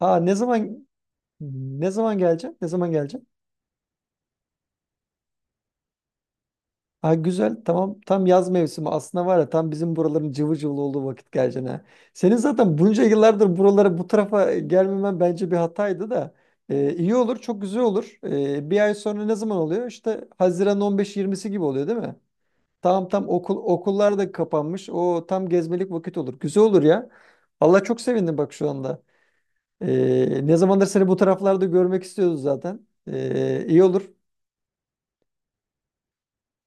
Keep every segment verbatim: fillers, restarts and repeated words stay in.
Ha ne zaman ne zaman geleceğim? Ne zaman geleceğim? Ha güzel, tamam, tam yaz mevsimi aslında, var ya, tam bizim buraların cıvıl cıvıl olduğu vakit geleceksin ha. Senin zaten bunca yıllardır buralara, bu tarafa gelmemen bence bir hataydı da. Ee, iyi olur, çok güzel olur. Ee, bir ay sonra ne zaman oluyor? İşte Haziran on beş yirmisi gibi oluyor değil mi? Tamam, tam okul okullar da kapanmış, o tam gezmelik vakit olur. Güzel olur ya. Allah, çok sevindim bak şu anda. Ee, ne zamandır seni bu taraflarda görmek istiyoruz zaten. Ee, iyi olur.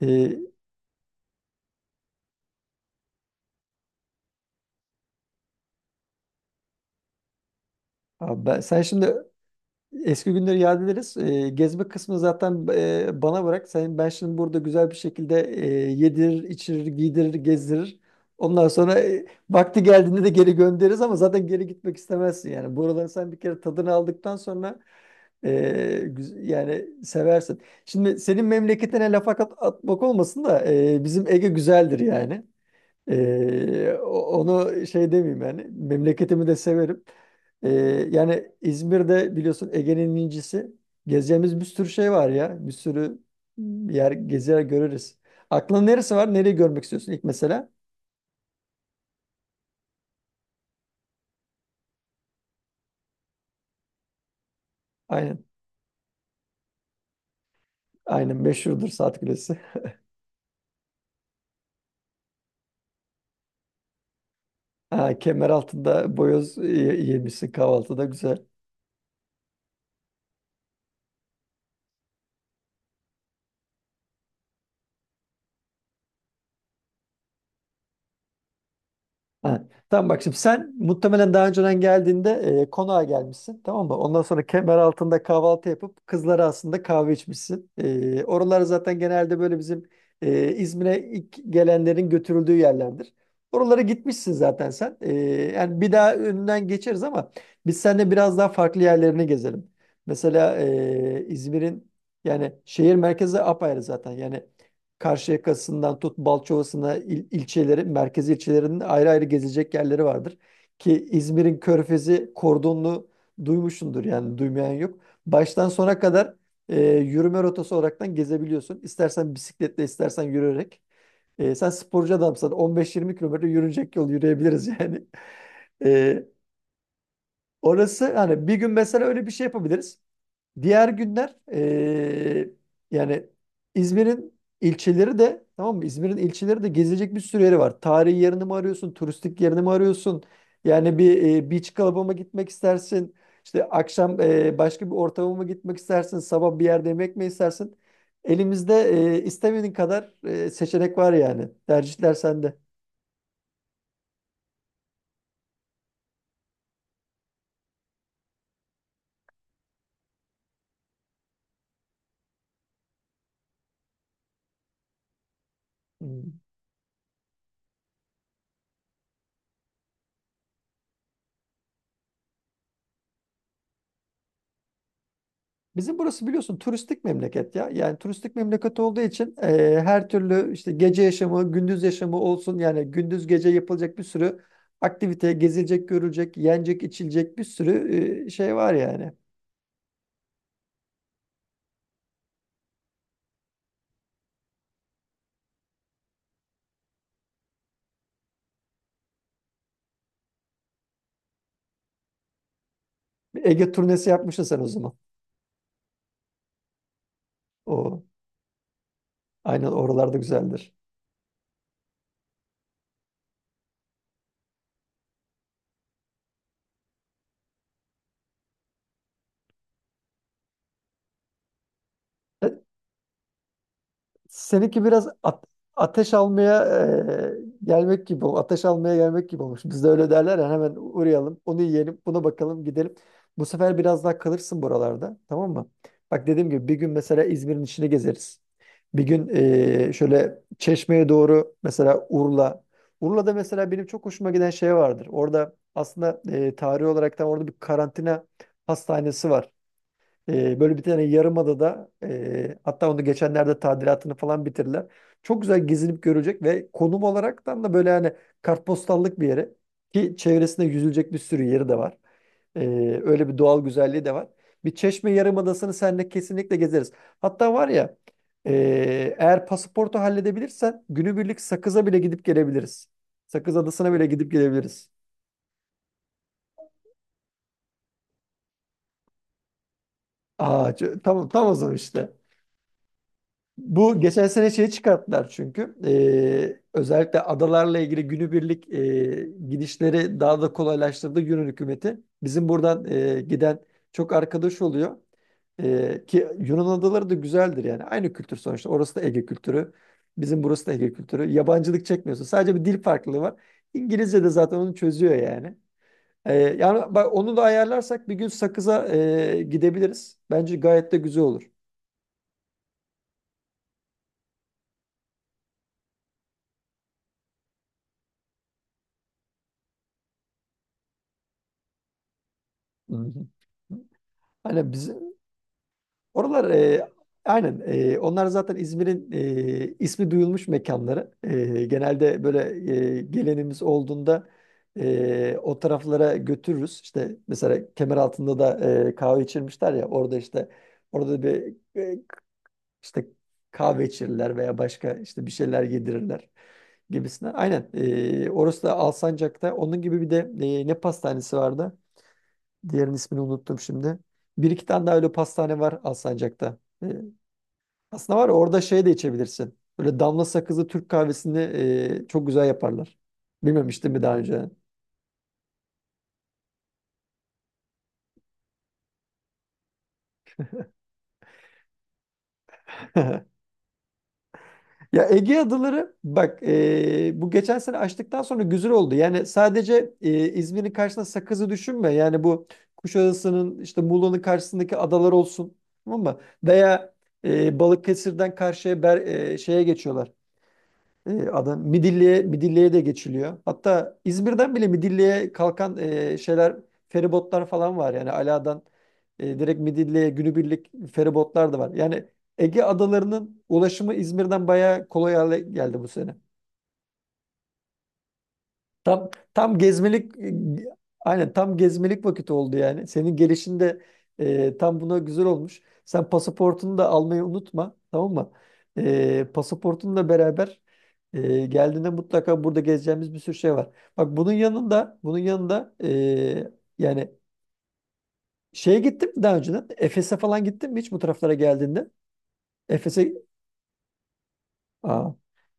Ee, Abi ben, sen şimdi eski günleri yad ederiz. Ee, gezme kısmını zaten e, bana bırak. Sen, ben şimdi burada güzel bir şekilde e, yedirir, içirir, giydirir, gezdirir. Ondan sonra e, vakti geldiğinde de geri göndeririz, ama zaten geri gitmek istemezsin. Yani buraları sen bir kere tadını aldıktan sonra e, güz- yani seversin. Şimdi senin memleketine laf at- atmak olmasın da, e, bizim Ege güzeldir yani. Ee, o- onu şey demeyeyim, yani memleketimi de severim. Ee, Yani İzmir'de, biliyorsun, Ege'nin incisi. Gezeceğimiz bir sürü şey var ya. Bir sürü yer gezer görürüz. Aklın neresi var? Nereyi görmek istiyorsun ilk mesela? Aynen. Aynen meşhurdur saat kulesi. Ha, Kemeraltı'nda boyoz y- yemişsin kahvaltıda, güzel. Ha, tamam, bak şimdi sen muhtemelen daha önceden geldiğinde e, konağa gelmişsin, tamam mı? Ondan sonra kemer altında kahvaltı yapıp kızlara aslında kahve içmişsin. E, oralar zaten genelde böyle bizim e, İzmir'e ilk gelenlerin götürüldüğü yerlerdir. Oralara gitmişsin zaten sen. E, yani bir daha önünden geçeriz, ama biz seninle biraz daha farklı yerlerini gezelim. Mesela e, İzmir'in, yani şehir merkezi apayrı zaten yani. Karşıyaka'sından tut Balçova'sına il, ilçeleri, merkezi ilçelerinin ayrı ayrı gezecek yerleri vardır. Ki İzmir'in Körfezi kordonlu, duymuşsundur yani, duymayan yok. Baştan sona kadar e, yürüme rotası olaraktan gezebiliyorsun. İstersen bisikletle, istersen yürüyerek. E, sen sporcu adamsan on beş yirmi kilometre yürünecek yol yürüyebiliriz yani. E, Orası, hani bir gün mesela öyle bir şey yapabiliriz. Diğer günler eee, yani İzmir'in ilçeleri de, tamam mı? İzmir'in ilçeleri de gezilecek bir sürü yeri var. Tarihi yerini mi arıyorsun? Turistik yerini mi arıyorsun? Yani bir e, beach club'a mı gitmek istersin? İşte akşam e, başka bir ortama mı gitmek istersin? Sabah bir yerde yemek mi istersin? Elimizde e, istemediğin kadar e, seçenek var yani. Tercihler sende. Hmm. Bizim burası biliyorsun turistik memleket ya. Yani turistik memleket olduğu için eee, her türlü işte gece yaşamı, gündüz yaşamı olsun. Yani gündüz gece yapılacak bir sürü aktivite, gezilecek, görülecek, yenecek, içilecek bir sürü eee, şey var yani. Bir Ege turnesi yapmışsın sen o zaman. O, aynen oralarda güzeldir. Seninki biraz at- ateş almaya e, gelmek gibi olmuş. Ateş almaya gelmek gibi olmuş. Bizde öyle derler ya, hemen uğrayalım, onu yiyelim, buna bakalım, gidelim. Bu sefer biraz daha kalırsın buralarda, tamam mı? Bak, dediğim gibi bir gün mesela İzmir'in içini gezeriz. Bir gün e, şöyle Çeşme'ye doğru, mesela Urla. Urla'da mesela benim çok hoşuma giden şey vardır. Orada aslında e, tarihi olarak da orada bir karantina hastanesi var. Ee, böyle bir tane yarımadada, e, hatta onu geçenlerde tadilatını falan bitirdiler. Çok güzel, gezinip görülecek ve konum olaraktan da böyle, hani kartpostallık bir yere, ki çevresinde yüzülecek bir sürü yeri de var. Ee, öyle bir doğal güzelliği de var. Bir Çeşme Yarımadası'nı seninle kesinlikle gezeriz. Hatta var ya, e, eğer pasaportu halledebilirsen günübirlik Sakız'a bile gidip gelebiliriz. Sakız Adası'na bile gidip gelebiliriz. Aa, ç- tamam, tam o zaman işte. Bu geçen sene şeyi çıkarttılar çünkü. Ee, özellikle adalarla ilgili günübirlik e, gidişleri daha da kolaylaştırdı Yunan hükümeti. Bizim buradan e, giden çok arkadaş oluyor. Ee, ki Yunan adaları da güzeldir yani. Aynı kültür sonuçta. Orası da Ege kültürü. Bizim burası da Ege kültürü. Yabancılık çekmiyorsun. Sadece bir dil farklılığı var. İngilizce de zaten onu çözüyor yani. Ee, yani bak, onu da ayarlarsak bir gün Sakız'a e, gidebiliriz. Bence gayet de güzel olur. Hı hı. Hani biz, oralar e, aynen, e, onlar zaten İzmir'in e, ismi duyulmuş mekanları. E, genelde böyle e, gelenimiz olduğunda e, o taraflara götürürüz. İşte mesela Kemeraltı'nda da e, kahve içirmişler ya orada, işte orada bir e, işte kahve içirirler veya başka işte bir şeyler yedirirler gibisine. Aynen, e, orası da Alsancak'ta onun gibi bir de e, ne pastanesi vardı? Diğerinin ismini unuttum şimdi. Bir iki tane daha öyle pastane var Alsancak'ta. E, aslında var ya, orada şey de içebilirsin. Böyle damla sakızlı Türk kahvesini e, çok güzel yaparlar. Bilmemiştim mi daha önce? Ya Ege adaları bak, e, bu geçen sene açtıktan sonra güzel oldu. Yani sadece e, İzmir'in karşısına Sakız'ı düşünme. Yani bu Kuşadası'nın, işte Muğla'nın karşısındaki adalar olsun. Tamam mı? Veya e, Balıkesir'den karşıya ber, e, şeye geçiyorlar. E, adam Midilli'ye Midilli'ye de geçiliyor. Hatta İzmir'den bile Midilli'ye kalkan e, şeyler, feribotlar falan var. Yani Ala'dan e, direkt Midilli'ye günübirlik feribotlar da var. Yani Ege adalarının ulaşımı İzmir'den bayağı kolay hale geldi bu sene. Tam tam gezmelik e, aynen, tam gezmelik vakit oldu yani. Senin gelişin de e, tam buna güzel olmuş. Sen pasaportunu da almayı unutma, tamam mı? E, pasaportunla beraber e, geldiğinde mutlaka burada gezeceğimiz bir sürü şey var. Bak, bunun yanında bunun yanında e, yani şeye gittin mi daha önceden? Efes'e falan gittin mi hiç bu taraflara geldiğinde? Efes'e, aa,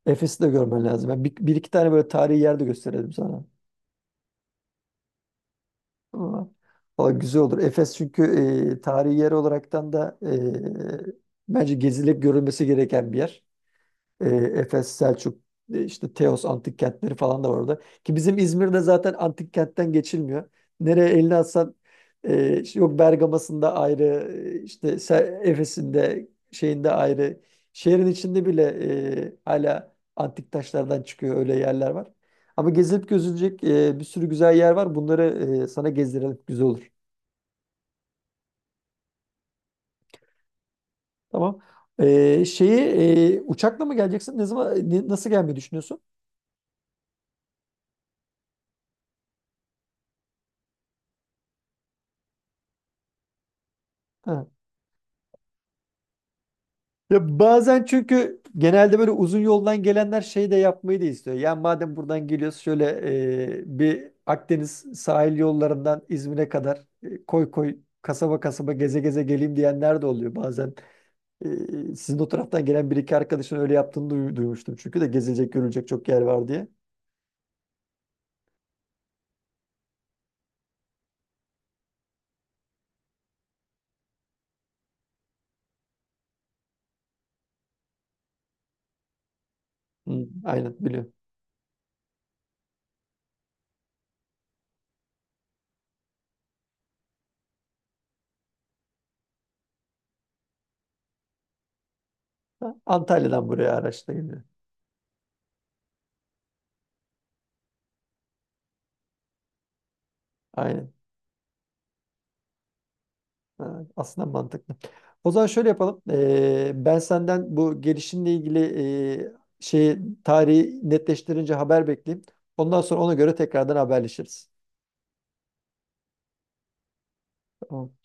Efes'i de görmen lazım. Ben bir, bir iki tane böyle tarihi yer de gösterelim sana. Ama valla güzel olur. Efes çünkü e, tarihi yer olaraktan da e, bence gezilip görülmesi gereken bir yer. E, Efes, Selçuk, e, işte Teos antik kentleri falan da var orada. Ki bizim İzmir'de zaten antik kentten geçilmiyor. Nereye elini atsan e, işte yok Bergama'sında ayrı, e, işte Se- Efes'inde, şeyinde ayrı. Şehrin içinde bile e, hala antik taşlardan çıkıyor, öyle yerler var. Ama gezilip gözülecek e, bir sürü güzel yer var. Bunları e, sana gezdirelim. Güzel olur. Tamam. E, şeyi, e, uçakla mı geleceksin? Ne zaman e, ne- nasıl gelmeyi düşünüyorsun? Ha. Ya bazen çünkü genelde böyle uzun yoldan gelenler şey de yapmayı da istiyor. Yani madem buradan geliyoruz, şöyle e, bir Akdeniz sahil yollarından İzmir'e kadar e, koy koy, kasaba kasaba geze geze geleyim diyenler de oluyor. Bazen e, sizin o taraftan gelen bir iki arkadaşın öyle yaptığını duy- duymuştum. Çünkü de gezilecek görülecek çok yer var diye. Hı, aynen biliyorum. Ha, Antalya'dan buraya araçla geliyor. Aynen. Ha, aslında mantıklı. O zaman şöyle yapalım. Ee, ben senden bu gelişinle ilgili e, şeyi, tarihi netleştirince haber bekleyeyim. Ondan sonra ona göre tekrardan haberleşiriz. Tamam.